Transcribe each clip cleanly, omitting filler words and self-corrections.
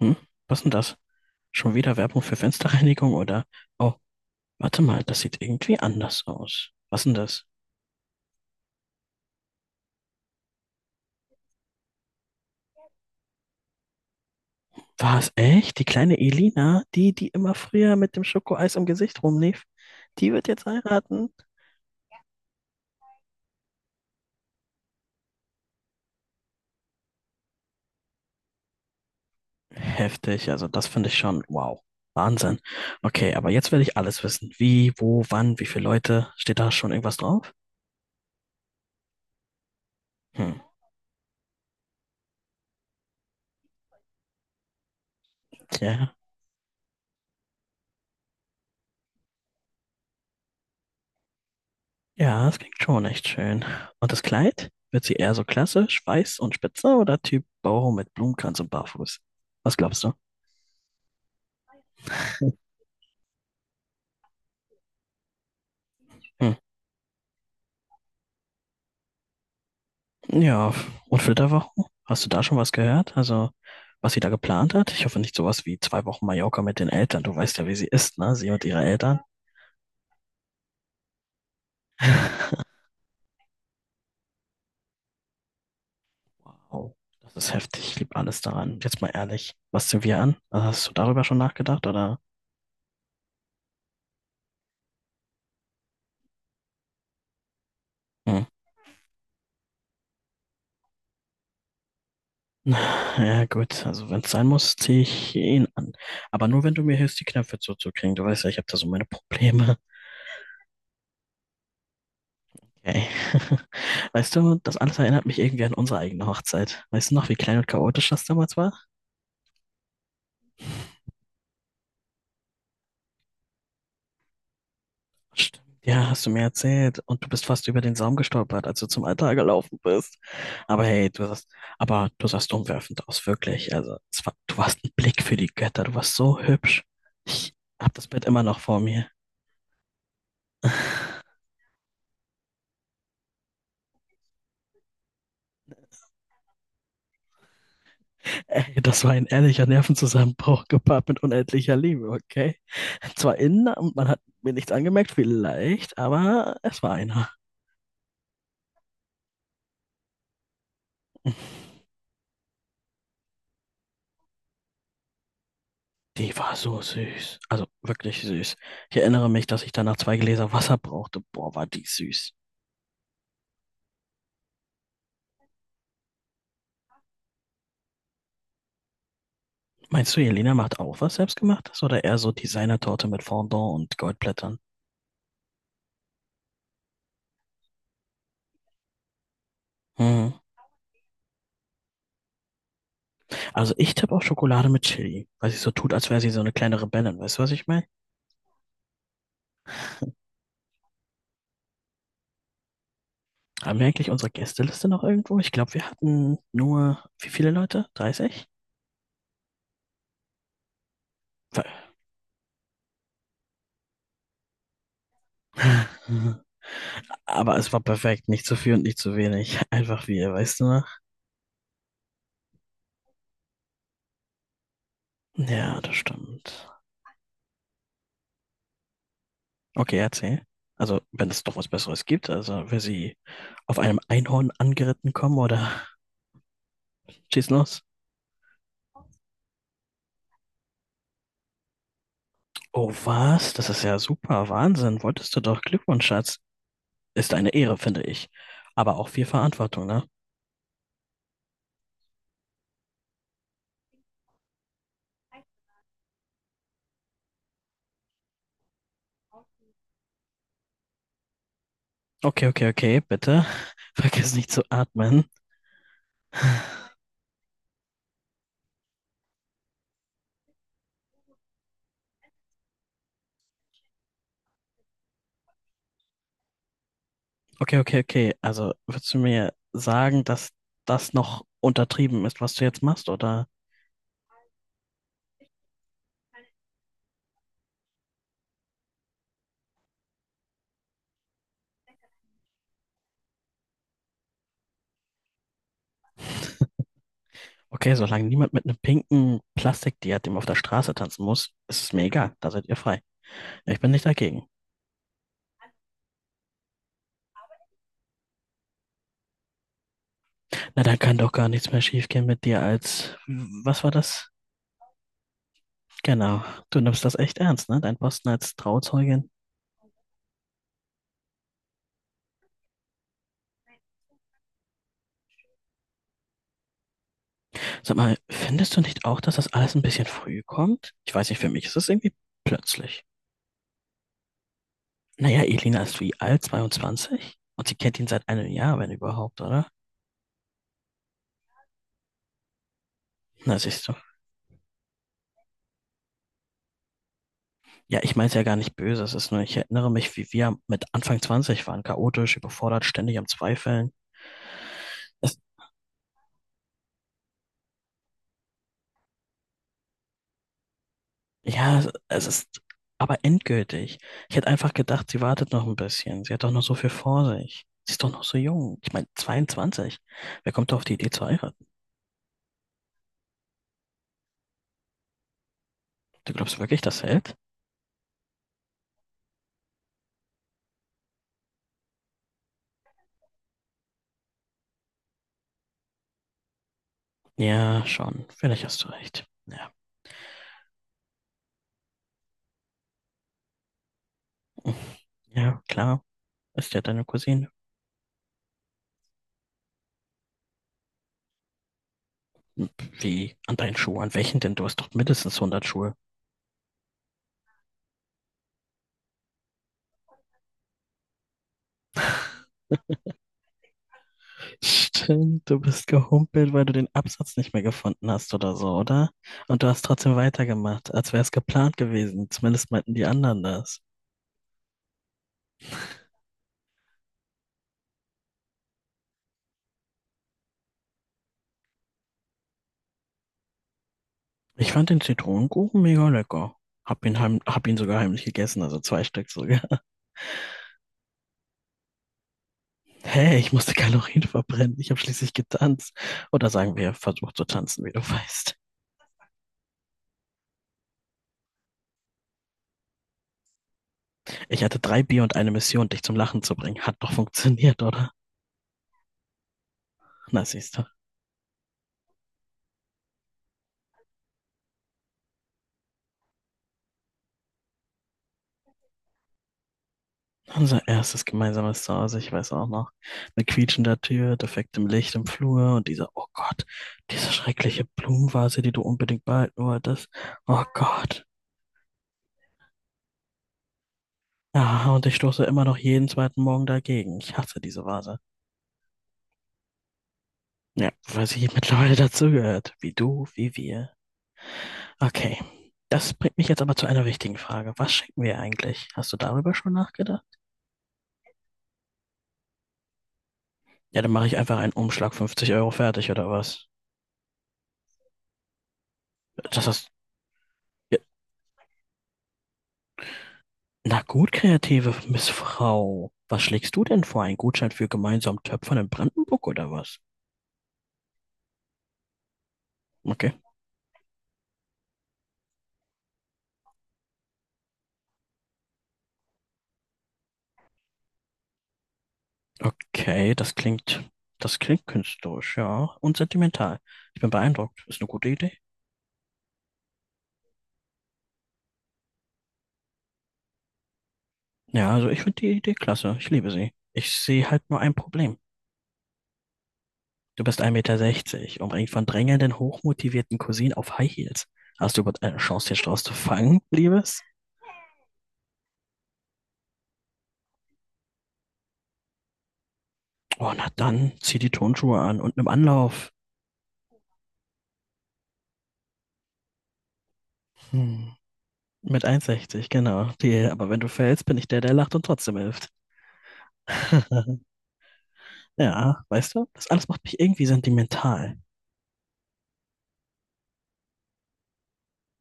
Hm, was denn das? Schon wieder Werbung für Fensterreinigung, oder? Oh, warte mal, das sieht irgendwie anders aus. Was denn das? War es echt? Die kleine Elina, die immer früher mit dem Schokoeis im Gesicht rumlief, die wird jetzt heiraten? Heftig, also das finde ich schon, wow. Wahnsinn. Okay, aber jetzt will ich alles wissen. Wie, wo, wann, wie viele Leute? Steht da schon irgendwas drauf? Hm, ja. Ja, das klingt schon echt schön. Und das Kleid? Wird sie eher so klassisch, weiß und spitze, oder Typ Boho mit Blumenkranz und barfuß? Was glaubst du? Hm. Ja, und Flitterwochen? Hast du da schon was gehört? Also, was sie da geplant hat? Ich hoffe nicht sowas wie zwei Wochen Mallorca mit den Eltern. Du weißt ja, wie sie ist, ne? Sie und ihre Eltern. Wow, das ist heftig. Ich liebe alles daran. Jetzt mal ehrlich, was sind wir an? Hast du darüber schon nachgedacht, oder? Hm. Ja, gut, also wenn es sein muss, ziehe ich ihn an. Aber nur, wenn du mir hilfst, die Knöpfe zuzukriegen. Du weißt ja, ich habe da so meine Probleme. Okay. Weißt du, das alles erinnert mich irgendwie an unsere eigene Hochzeit. Weißt du noch, wie klein und chaotisch das damals war? Stimmt. Ja, hast du mir erzählt. Und du bist fast über den Saum gestolpert, als du zum Altar gelaufen bist. Aber hey, aber du sahst umwerfend aus, wirklich. Also, es war, du warst ein Blick für die Götter. Du warst so hübsch. Ich hab das Bild immer noch vor mir. Ey, das war ein ehrlicher Nervenzusammenbruch gepaart mit unendlicher Liebe, okay? Zwar innen, und man hat mir nichts angemerkt, vielleicht, aber es war einer. Die war so süß. Also wirklich süß. Ich erinnere mich, dass ich danach zwei Gläser Wasser brauchte. Boah, war die süß. Meinst du, Jelena macht auch was Selbstgemachtes oder eher so Designertorte mit Fondant und Goldblättern? Hm. Also ich tippe auf Schokolade mit Chili, weil sie so tut, als wäre sie so eine kleine Rebellin. Weißt du, was ich meine? Haben wir eigentlich unsere Gästeliste noch irgendwo? Ich glaube, wir hatten nur, wie viele Leute? 30? Ver- Aber es war perfekt. Nicht zu viel und nicht zu wenig. Einfach wir, weißt du noch? Ja, das stimmt. Okay, erzähl. Also, wenn es doch was Besseres gibt, also wenn sie auf einem Einhorn angeritten kommen oder schieß los. Oh, was? Das ist ja super. Wahnsinn. Wolltest du doch. Glückwunsch, Schatz. Ist eine Ehre, finde ich. Aber auch viel Verantwortung, ne? Okay, okay, okay, bitte. Vergiss nicht zu atmen. Okay, okay, okay. Also würdest du mir sagen, dass das noch untertrieben ist, was du jetzt machst? Oder okay, solange niemand mit einem pinken Plastikdiadem auf der Straße tanzen muss, ist es mir egal. Da seid ihr frei. Ich bin nicht dagegen. Na, dann kann doch gar nichts mehr schiefgehen mit dir als, was war das? Genau. Du nimmst das echt ernst, ne? Dein Posten als Trauzeugin. Sag mal, findest du nicht auch, dass das alles ein bisschen früh kommt? Ich weiß nicht, für mich ist es irgendwie plötzlich. Naja, Elina ist wie alt? Zweiundzwanzig, und sie kennt ihn seit einem Jahr, wenn überhaupt, oder? Na, siehst du. Ja, ich meine es ja gar nicht böse. Es ist nur, ich erinnere mich, wie wir mit Anfang 20 waren. Chaotisch, überfordert, ständig am Zweifeln. Es, ja, es ist aber endgültig. Ich hätte einfach gedacht, sie wartet noch ein bisschen. Sie hat doch noch so viel vor sich. Sie ist doch noch so jung. Ich meine, 22. Wer kommt doch auf die Idee zu heiraten? Du glaubst wirklich, das hält? Ja, schon. Vielleicht hast du recht. Ja, ja klar. Ist ja deine Cousine. Wie? An deinen Schuh? An welchen denn? Du hast doch mindestens hundert Schuhe. Stimmt, du bist gehumpelt, weil du den Absatz nicht mehr gefunden hast oder so, oder? Und du hast trotzdem weitergemacht, als wäre es geplant gewesen. Zumindest meinten die anderen das. Ich fand den Zitronenkuchen mega lecker. Hab ihn sogar heimlich gegessen, also zwei Stück sogar. Hey, ich musste Kalorien verbrennen. Ich habe schließlich getanzt. Oder sagen wir, versucht zu tanzen, wie du weißt. Ich hatte drei Bier und eine Mission, dich zum Lachen zu bringen. Hat doch funktioniert, oder? Na, siehst du. Unser erstes gemeinsames Zuhause, ich weiß auch noch. Mit quietschender Tür, defektem Licht im Flur und dieser, oh Gott, diese schreckliche Blumenvase, die du unbedingt behalten wolltest. Oh Gott. Ja, und ich stoße immer noch jeden zweiten Morgen dagegen. Ich hasse diese Vase. Ja, weil sie mittlerweile dazugehört. Wie du, wie wir. Okay. Das bringt mich jetzt aber zu einer wichtigen Frage. Was schenken wir eigentlich? Hast du darüber schon nachgedacht? Ja, dann mache ich einfach einen Umschlag 50 € fertig oder was? Das hast, Na gut, kreative Miss Frau. Was schlägst du denn vor? Ein Gutschein für gemeinsam Töpfern in Brandenburg oder was? Okay. Okay, das klingt künstlerisch, ja. Und sentimental. Ich bin beeindruckt. Ist eine gute Idee. Ja, also ich finde die Idee klasse. Ich liebe sie. Ich sehe halt nur ein Problem. Du bist 1,60 Meter, sechzig, umringt von drängelnden, hochmotivierten Cousinen auf High Heels. Hast du überhaupt eine Chance, den Strauß zu fangen, Liebes? Oh, na dann, zieh die Tonschuhe an und nimm Anlauf. Hm. Mit 1,60, genau. Die, aber wenn du fällst, bin ich der, der lacht und trotzdem hilft. Ja, weißt du, das alles macht mich irgendwie sentimental.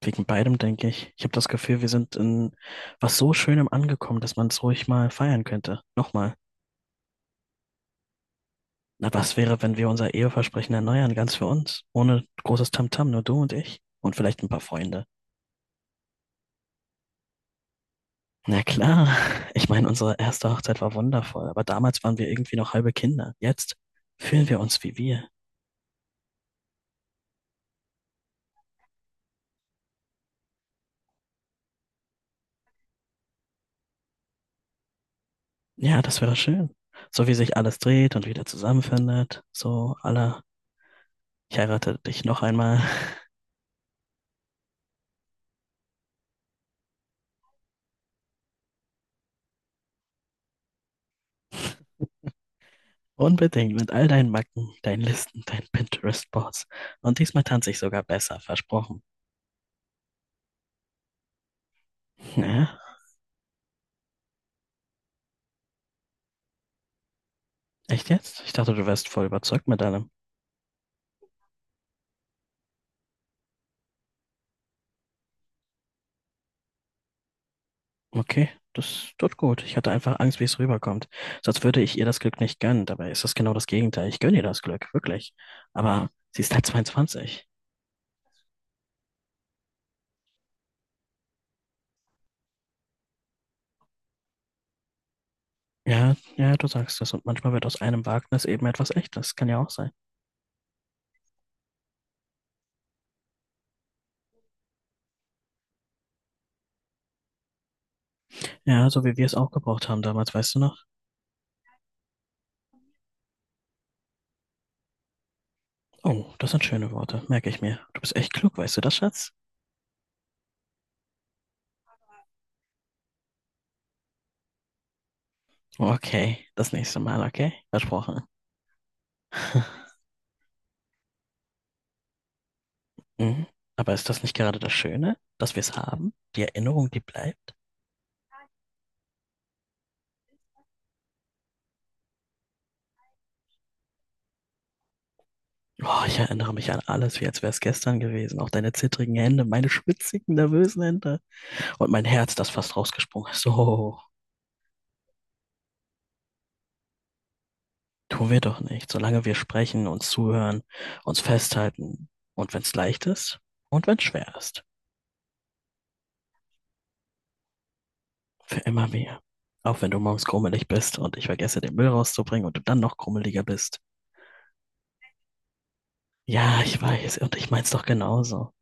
Wegen beidem, denke ich. Ich habe das Gefühl, wir sind in was so Schönem angekommen, dass man es ruhig mal feiern könnte. Nochmal. Na, was wäre, wenn wir unser Eheversprechen erneuern, ganz für uns? Ohne großes Tamtam, nur du und ich. Und vielleicht ein paar Freunde. Na klar. Ich meine, unsere erste Hochzeit war wundervoll, aber damals waren wir irgendwie noch halbe Kinder. Jetzt fühlen wir uns wie wir. Ja, das wäre schön. So wie sich alles dreht und wieder zusammenfindet, ich heirate dich noch einmal. Unbedingt mit all deinen Macken, deinen Listen, deinen Pinterest-Boards. Und diesmal tanze ich sogar besser, versprochen. Ja, echt jetzt? Ich dachte, du wärst voll überzeugt mit allem. Okay, das tut gut. Ich hatte einfach Angst, wie es rüberkommt. Sonst würde ich ihr das Glück nicht gönnen. Dabei ist das genau das Gegenteil. Ich gönne ihr das Glück, wirklich. Aber sie ist halt 22. Ja, ja, du sagst es. Und manchmal wird aus einem Wagnis eben etwas Echtes. Kann ja auch sein. Ja, so wie wir es auch gebraucht haben damals, weißt du noch? Oh, das sind schöne Worte, merke ich mir. Du bist echt klug, weißt du das, Schatz? Okay, das nächste Mal, okay? Versprochen. Mhm. Aber ist das nicht gerade das Schöne, dass wir es haben? Die Erinnerung, die bleibt? Oh, ich erinnere mich an alles, wie als wäre es gestern gewesen. Auch deine zittrigen Hände, meine schwitzigen, nervösen Hände. Und mein Herz, das fast rausgesprungen ist. So, tun wir doch nicht. Solange wir sprechen, uns zuhören, uns festhalten. Und wenn es leicht ist und wenn es schwer ist. Für immer mehr. Auch wenn du morgens krummelig bist und ich vergesse, den Müll rauszubringen und du dann noch krummeliger bist. Ja, ich weiß, und ich mein's doch genauso.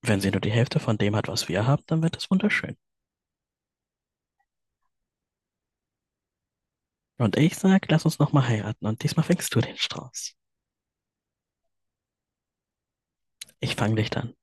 Wenn sie nur die Hälfte von dem hat, was wir haben, dann wird es wunderschön. Und ich sag, lass uns nochmal heiraten und diesmal fängst du den Strauß. Ich fang dich dann.